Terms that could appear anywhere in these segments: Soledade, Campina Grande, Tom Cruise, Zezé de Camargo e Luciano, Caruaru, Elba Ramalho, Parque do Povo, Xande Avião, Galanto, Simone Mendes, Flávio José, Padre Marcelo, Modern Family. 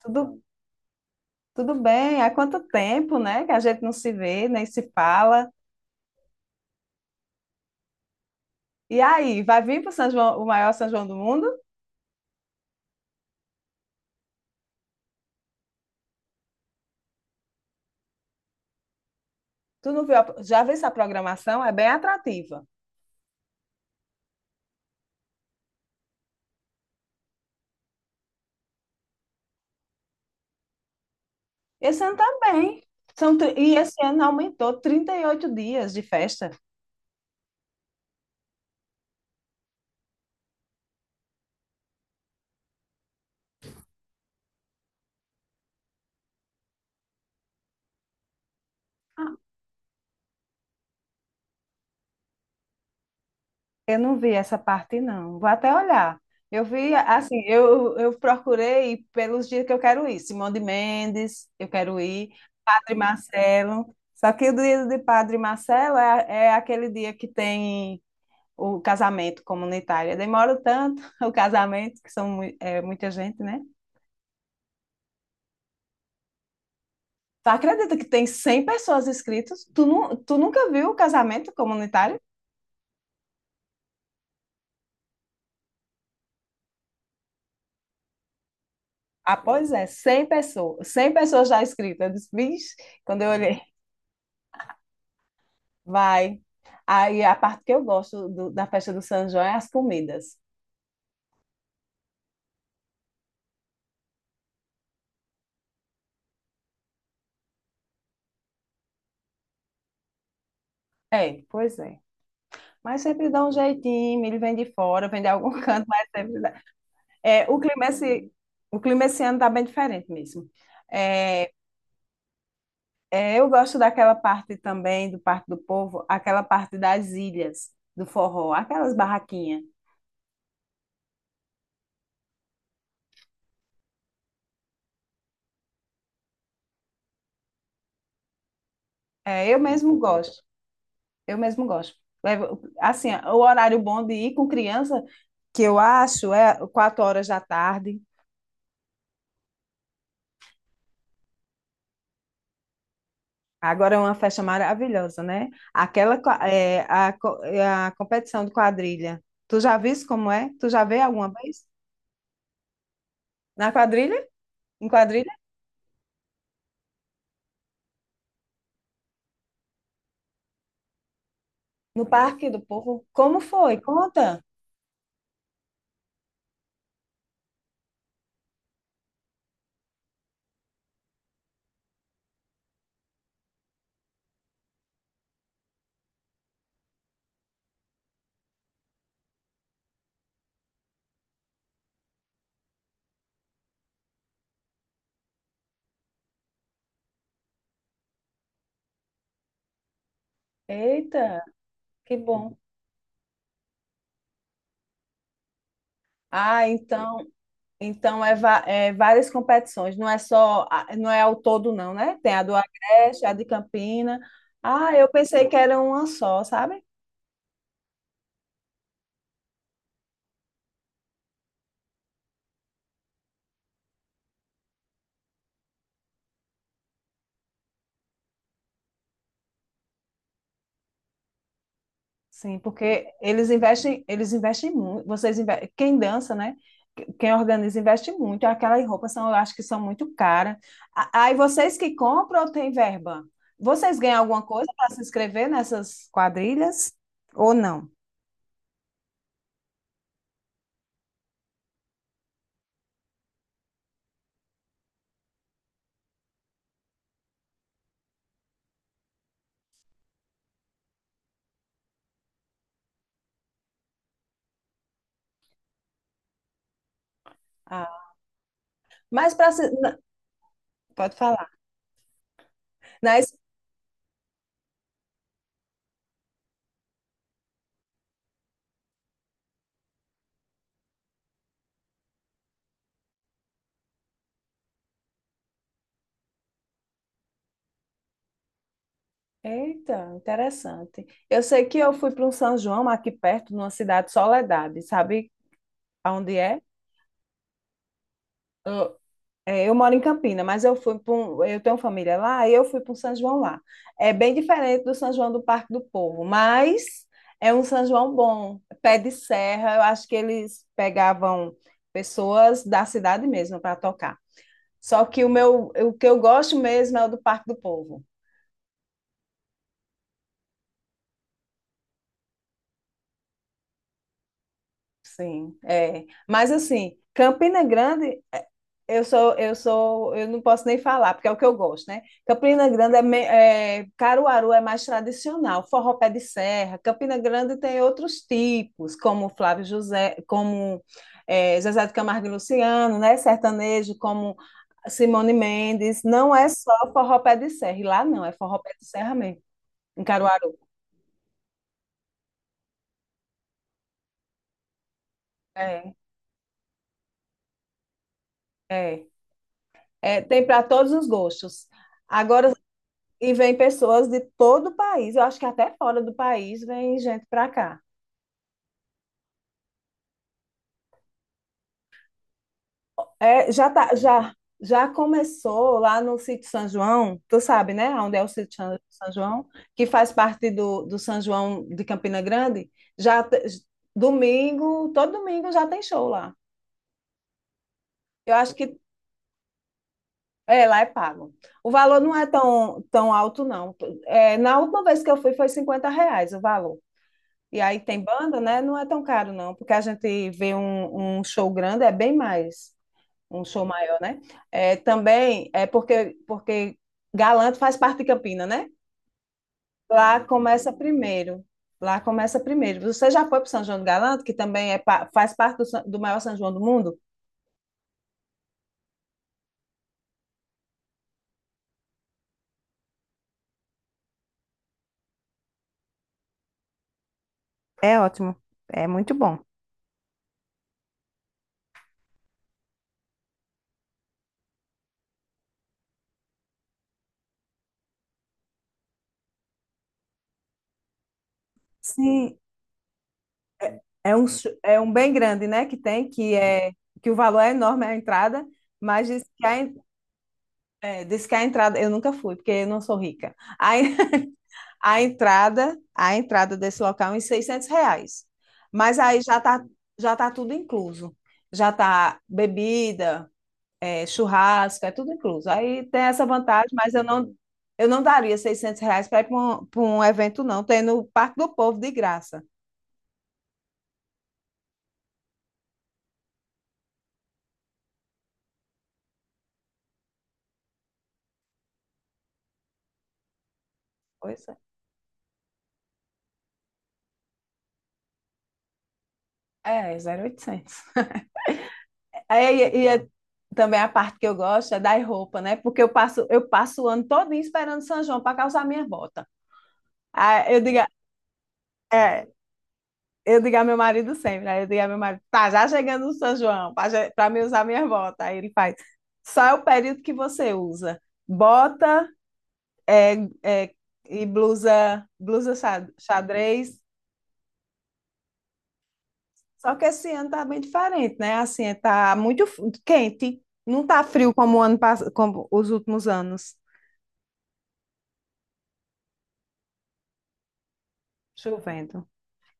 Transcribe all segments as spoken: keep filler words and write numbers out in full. Tudo, tudo bem? Há quanto tempo, né? Que a gente não se vê, nem se fala. E aí, vai vir para o São João, o maior São João do mundo? Tu não viu? A- já viu essa programação? É bem atrativa. Esse ano também. São, tri- e esse ano aumentou trinta e oito dias de festa. Eu não vi essa parte, não. Vou até olhar. Eu vi, assim, eu, eu procurei pelos dias que eu quero ir. Simone de Mendes, eu quero ir. Padre Marcelo. Só que o dia de Padre Marcelo é, é aquele dia que tem o casamento comunitário. Demora tanto o casamento, que são é, muita gente, né? Tu acredita que tem cem pessoas inscritas? Tu, nu, tu nunca viu o casamento comunitário? Ah, pois é, cem pessoas. Cem pessoas já inscritas. Eu disse, vixe, quando eu olhei, vai. Aí a parte que eu gosto do, da festa do São João é as comidas. É, pois é. Mas sempre dá um jeitinho, ele vem de fora, vem de algum canto, mas sempre dá. É, o clima esse, o clima esse ano tá bem diferente mesmo. É. É, eu gosto daquela parte também, do Parque do Povo, aquela parte das ilhas, do forró, aquelas barraquinhas. É, eu mesmo gosto, eu mesmo gosto. Levo- Assim, o horário bom de ir com criança, que eu acho, é quatro horas da tarde. Agora é uma festa maravilhosa, né? Aquela, qua- é, a, co- É a competição de quadrilha. Tu já viste como é? Tu já veio alguma vez? Na quadrilha? Em quadrilha? No Parque do Povo? Como foi? Conta. Eita, que bom. Ah, então, então é, va- é várias competições, não é só, a- não é ao todo não, né? Tem a do Agreste, a de Campina. Ah, eu pensei que era uma só, sabe? Sim, porque eles investem, eles investem muito. Vocês inve- quem dança, né? Quem organiza investe muito. Aquelas roupas são, eu acho que são muito caras. A- Aí vocês que compram ou tem verba? Vocês ganham alguma coisa para se inscrever nessas quadrilhas ou não? Ah, mas para pode falar. Eita, interessante. Eu sei que eu fui para um São João aqui perto, numa cidade Soledade, sabe aonde é? Eu, é, eu moro em Campina, mas eu fui para um, eu tenho família lá e eu fui para um São João lá. É bem diferente do São João do Parque do Povo, mas é um São João bom, pé de serra. Eu acho que eles pegavam pessoas da cidade mesmo para tocar. Só que o meu, o que eu gosto mesmo é o do Parque do Povo. Sim, é. Mas assim, Campina Grande, é, eu sou, eu sou, eu não posso nem falar, porque é o que eu gosto, né? Campina Grande é, me- é Caruaru é mais tradicional, forró pé de serra. Campina Grande tem outros tipos, como Flávio José, como é, Zezé de Camargo e Luciano, né? Sertanejo, como Simone Mendes. Não é só forró pé de serra, e lá não, é forró pé de serra mesmo, em Caruaru. É, é. É, tem para todos os gostos. Agora, e vem pessoas de todo o país, eu acho que até fora do país vem gente para cá. É, já tá, já, já começou lá no sítio São João, tu sabe, né? Onde é o sítio São São João, que faz parte do, do São João de Campina Grande. Já te- Domingo, todo domingo já tem show lá. Eu acho que é, lá é pago. O valor não é tão, tão alto, não. É, na última vez que eu fui foi cinquenta reais o valor. E aí tem banda, né? Não é tão caro, não, porque a gente vê um, um show grande, é bem mais, um show maior, né? É, também é porque, porque Galanto faz parte de Campina, né? Lá começa primeiro. Lá começa primeiro. Você já foi para São João do Galanto, que também é, pa- faz parte do, Sa- do maior São João do mundo? É ótimo. É muito bom. Sim, é um, cho- é um bem grande, né? Que tem, que é que o valor é enorme, é a entrada, mas diz que a É, disse que a entrada, eu nunca fui, porque eu não sou rica. A, a entrada, a entrada desse local é em seiscentos reais. Mas aí já tá, já tá tudo incluso. Já tá bebida, é, churrasco, é tudo incluso. Aí tem essa vantagem, mas eu não, eu não daria seiscentos reais para ir para um, pra um evento, não, tem no Parque do Povo de graça. Pois é, é, zero oitocentos. É, e, e é- também a parte que eu gosto é dar roupa, né? Porque eu passo, eu passo o ano todinho esperando São João para calçar minha bota. Aí eu digo, a- é, eu digo a meu marido sempre, aí eu digo a meu marido, tá já chegando o São João para me usar minha bota. Aí ele faz, só é o período que você usa. Bota é, é, e blusa, blusa xa- xadrez. Só que esse ano tá bem diferente, né? Assim, tá muito f- quente, não tá frio como o ano, pass- como os últimos anos. Chovendo.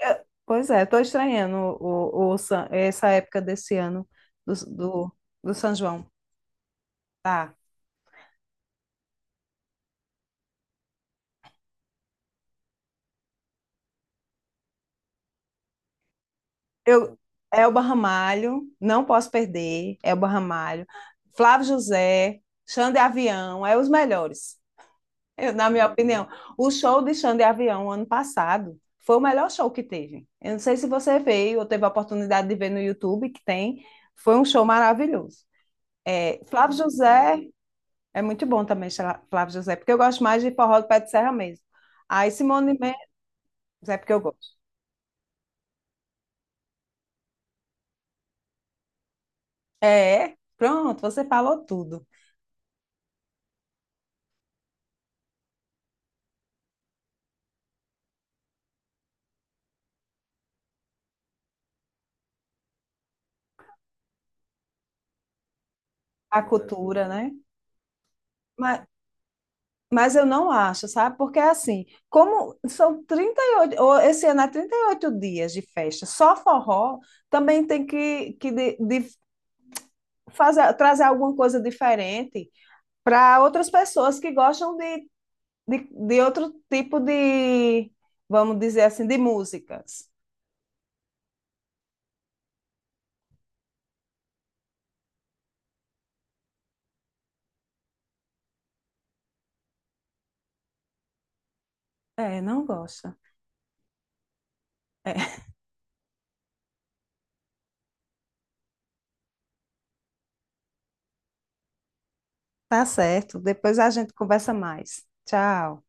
É, pois é, estou estranhando o, o, o San- essa época desse ano do, do, do São João. Tá. Eu, Elba Ramalho, não posso perder. Elba Ramalho, Flávio José, Xande Avião, é os melhores, eu- na minha opinião. O show de Xande Avião ano passado foi o melhor show que teve. Eu não sei se você veio ou teve a oportunidade de ver no YouTube, que tem. Foi um show maravilhoso. É, Flávio José. É muito bom também, Chla- Flávio José, porque eu gosto mais de forró do pé de serra mesmo. Aí Simone Mendes é porque eu gosto. É, pronto, você falou tudo. A cultura, né? Mas, mas eu não acho, sabe? Porque é assim, como são trinta e oito ou esse ano é trinta e oito dias de festa, só forró, também tem que, que de- de fazer, trazer alguma coisa diferente para outras pessoas que gostam de, de, de outro tipo de, vamos dizer assim, de músicas. É, não gosta. É, tá certo. Depois a gente conversa mais. Tchau.